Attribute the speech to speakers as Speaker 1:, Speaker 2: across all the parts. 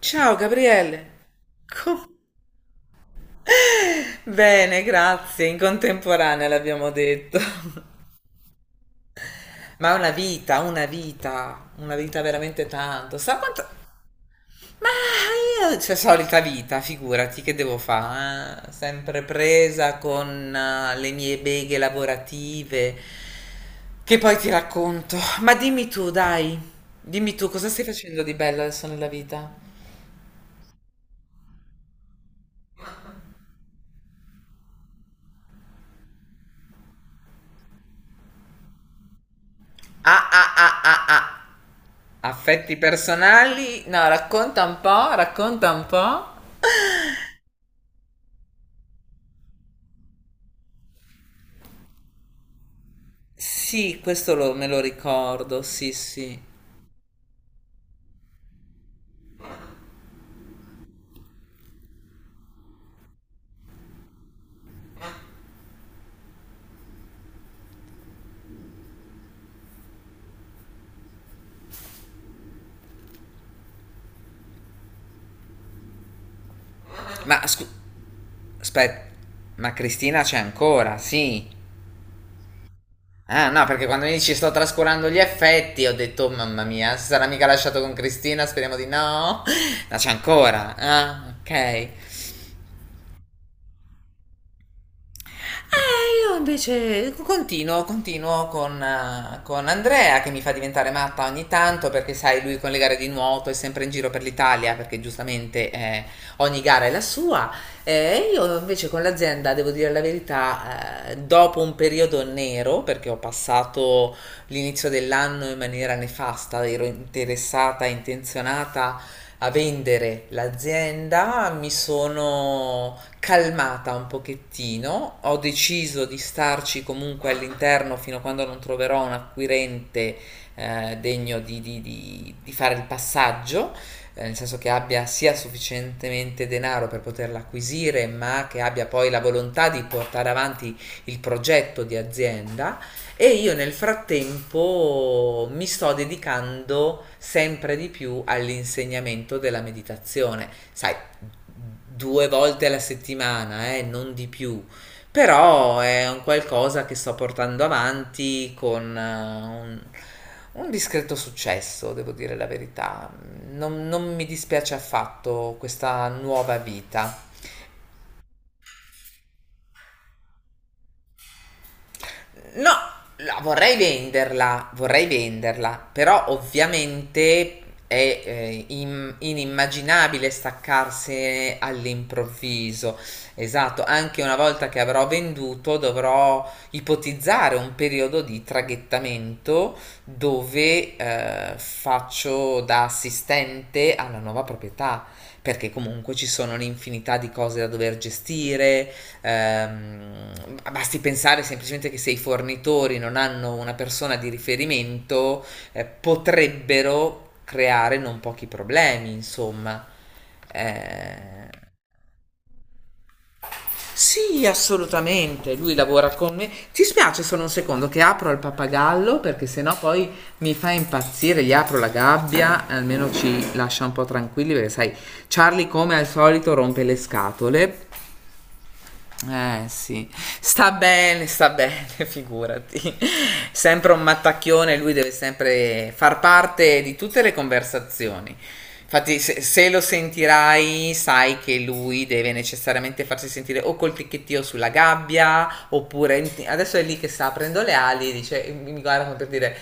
Speaker 1: Ciao Gabriele. Co- Bene, grazie. In contemporanea l'abbiamo detto. Ma una vita, una vita, una vita veramente tanto. Sa quanto. Ma io, c'è solita vita, figurati che devo fare, sempre presa con le mie beghe lavorative, che poi ti racconto. Ma dimmi tu, dai, dimmi tu, cosa stai facendo di bello adesso nella vita? Ah ah ah ah ah. Affetti personali? No, racconta un po', racconta un po'. Sì, questo me lo ricordo, sì, sì. Ma scusa, aspetta, ma Cristina c'è ancora, sì. Ah, no, perché quando mi dici sto trascurando gli effetti, ho detto, "Oh, mamma mia, si sarà mica lasciato con Cristina, speriamo di no." Ma no, c'è ancora. Ah, ok. Io invece continuo con Andrea che mi fa diventare matta ogni tanto perché sai, lui con le gare di nuoto è sempre in giro per l'Italia perché giustamente ogni gara è la sua. Io invece con l'azienda, devo dire la verità, dopo un periodo nero, perché ho passato l'inizio dell'anno in maniera nefasta, ero interessata, intenzionata a vendere l'azienda, mi sono calmata un pochettino, ho deciso di starci comunque all'interno fino a quando non troverò un acquirente degno di, di fare il passaggio, nel senso che abbia sia sufficientemente denaro per poterla acquisire, ma che abbia poi la volontà di portare avanti il progetto di azienda. E io nel frattempo mi sto dedicando sempre di più all'insegnamento della meditazione, sai, due volte alla settimana, non di più. Però è un qualcosa che sto portando avanti con un discreto successo, devo dire la verità. Non mi dispiace affatto questa nuova vita. No, la vorrei venderla, però ovviamente è inimmaginabile staccarsene all'improvviso. Esatto, anche una volta che avrò venduto dovrò ipotizzare un periodo di traghettamento dove faccio da assistente alla nuova proprietà, perché comunque ci sono un'infinità di cose da dover gestire. Ehm, basti pensare semplicemente che se i fornitori non hanno una persona di riferimento, potrebbero creare non pochi problemi, insomma. Eh, sì, assolutamente. Lui lavora con me. Ti spiace solo un secondo che apro il pappagallo perché sennò poi mi fa impazzire. Gli apro la gabbia, almeno ci lascia un po' tranquilli perché sai, Charlie come al solito rompe le scatole. Eh sì, sta bene, figurati. Sempre un mattacchione, lui deve sempre far parte di tutte le conversazioni. Infatti, se lo sentirai, sai che lui deve necessariamente farsi sentire o col ticchettio sulla gabbia, oppure adesso è lì che sta aprendo le ali e dice, mi guarda come per dire,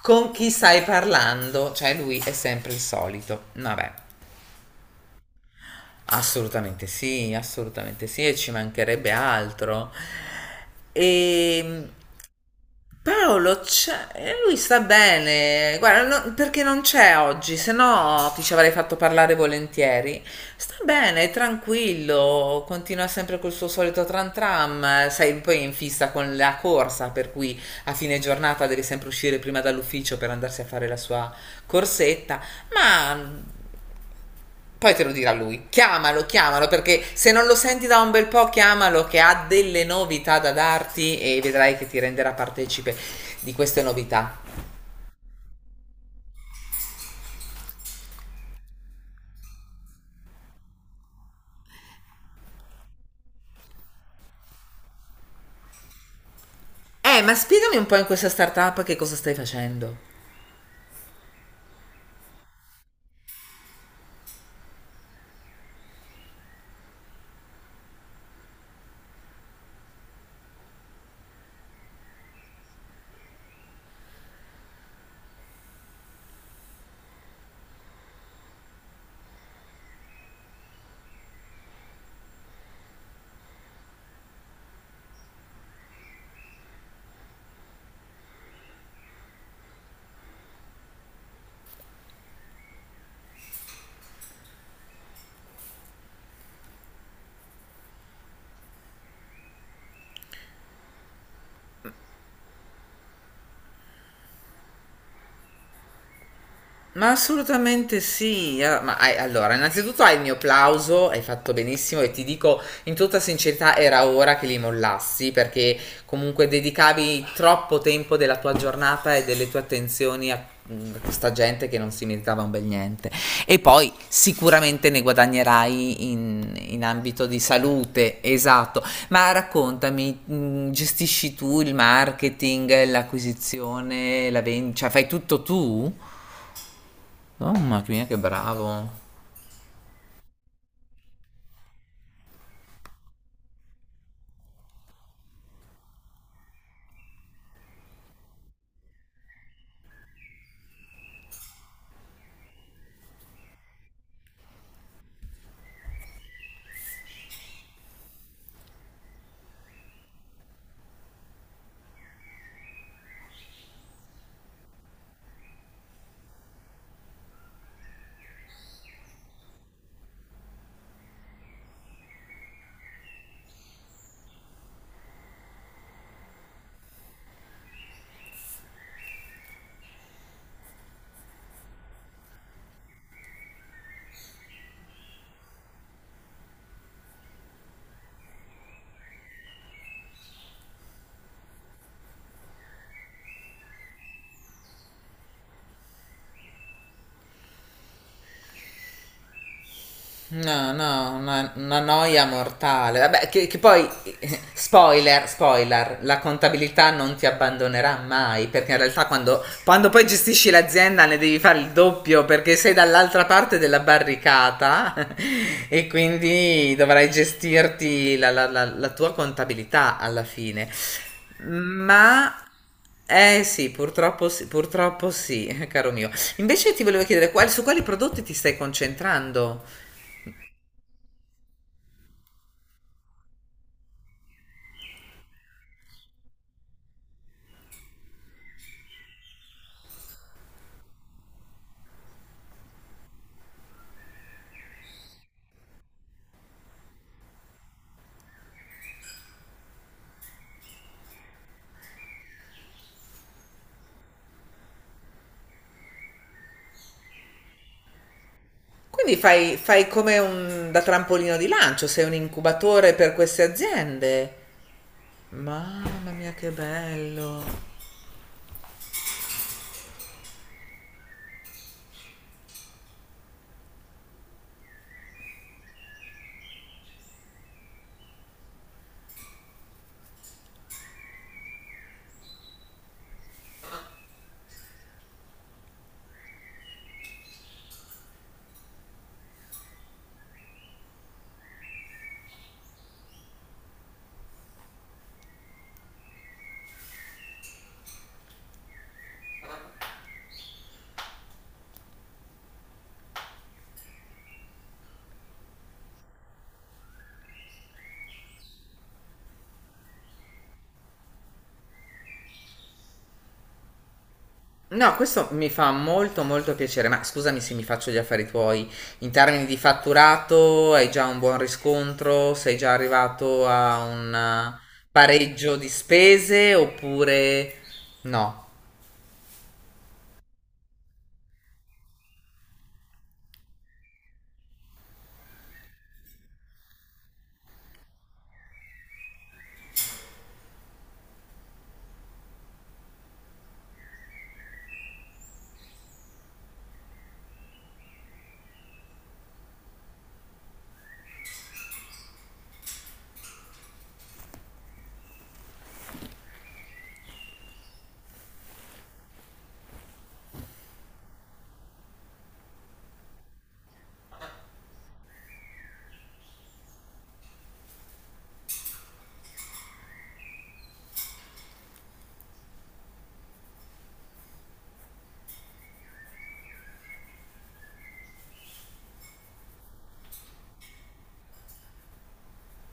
Speaker 1: con chi stai parlando? Cioè, lui è sempre il solito. Vabbè. Assolutamente sì, e ci mancherebbe altro. E Paolo, lui sta bene, guarda, perché non c'è oggi, se no ti ci avrei fatto parlare volentieri. Sta bene, è tranquillo, continua sempre col suo solito tran tram, sei poi è in fissa con la corsa, per cui a fine giornata deve sempre uscire prima dall'ufficio per andarsi a fare la sua corsetta, ma poi te lo dirà lui. Chiamalo, chiamalo, perché se non lo senti da un bel po', chiamalo che ha delle novità da darti e vedrai che ti renderà partecipe di queste novità. Ma spiegami un po' in questa startup che cosa stai facendo. Ma assolutamente sì, ah, ma allora, innanzitutto hai il mio plauso, hai fatto benissimo e ti dico in tutta sincerità era ora che li mollassi perché comunque dedicavi troppo tempo della tua giornata e delle tue attenzioni a a questa gente che non si meritava un bel niente. E poi sicuramente ne guadagnerai in ambito di salute, esatto. Ma raccontami, gestisci tu il marketing, l'acquisizione, la vendita, cioè fai tutto tu? Mamma mia, che bravo. No, no, una noia mortale. Vabbè, che poi, spoiler, spoiler, la contabilità non ti abbandonerà mai, perché in realtà quando poi gestisci l'azienda ne devi fare il doppio, perché sei dall'altra parte della barricata, e quindi dovrai gestirti la tua contabilità alla fine. Ma. Eh sì, purtroppo sì, purtroppo sì, caro mio. Invece ti volevo chiedere, su quali prodotti ti stai concentrando? Quindi fai come un da trampolino di lancio, sei un incubatore per queste aziende. Mamma mia, che bello! No, questo mi fa molto molto piacere, ma scusami se mi faccio gli affari tuoi. In termini di fatturato, hai già un buon riscontro? Sei già arrivato a un pareggio di spese oppure no?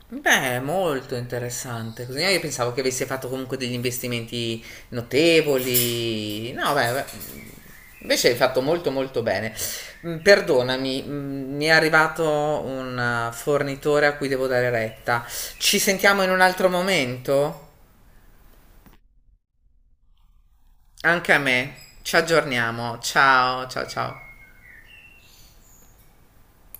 Speaker 1: Beh, molto interessante. Così io pensavo che avesse fatto comunque degli investimenti notevoli. No, beh, beh, invece hai fatto molto molto bene. Perdonami, mi è arrivato un fornitore a cui devo dare retta. Ci sentiamo in un altro momento? Anche a me. Ci aggiorniamo. Ciao, ciao, ciao.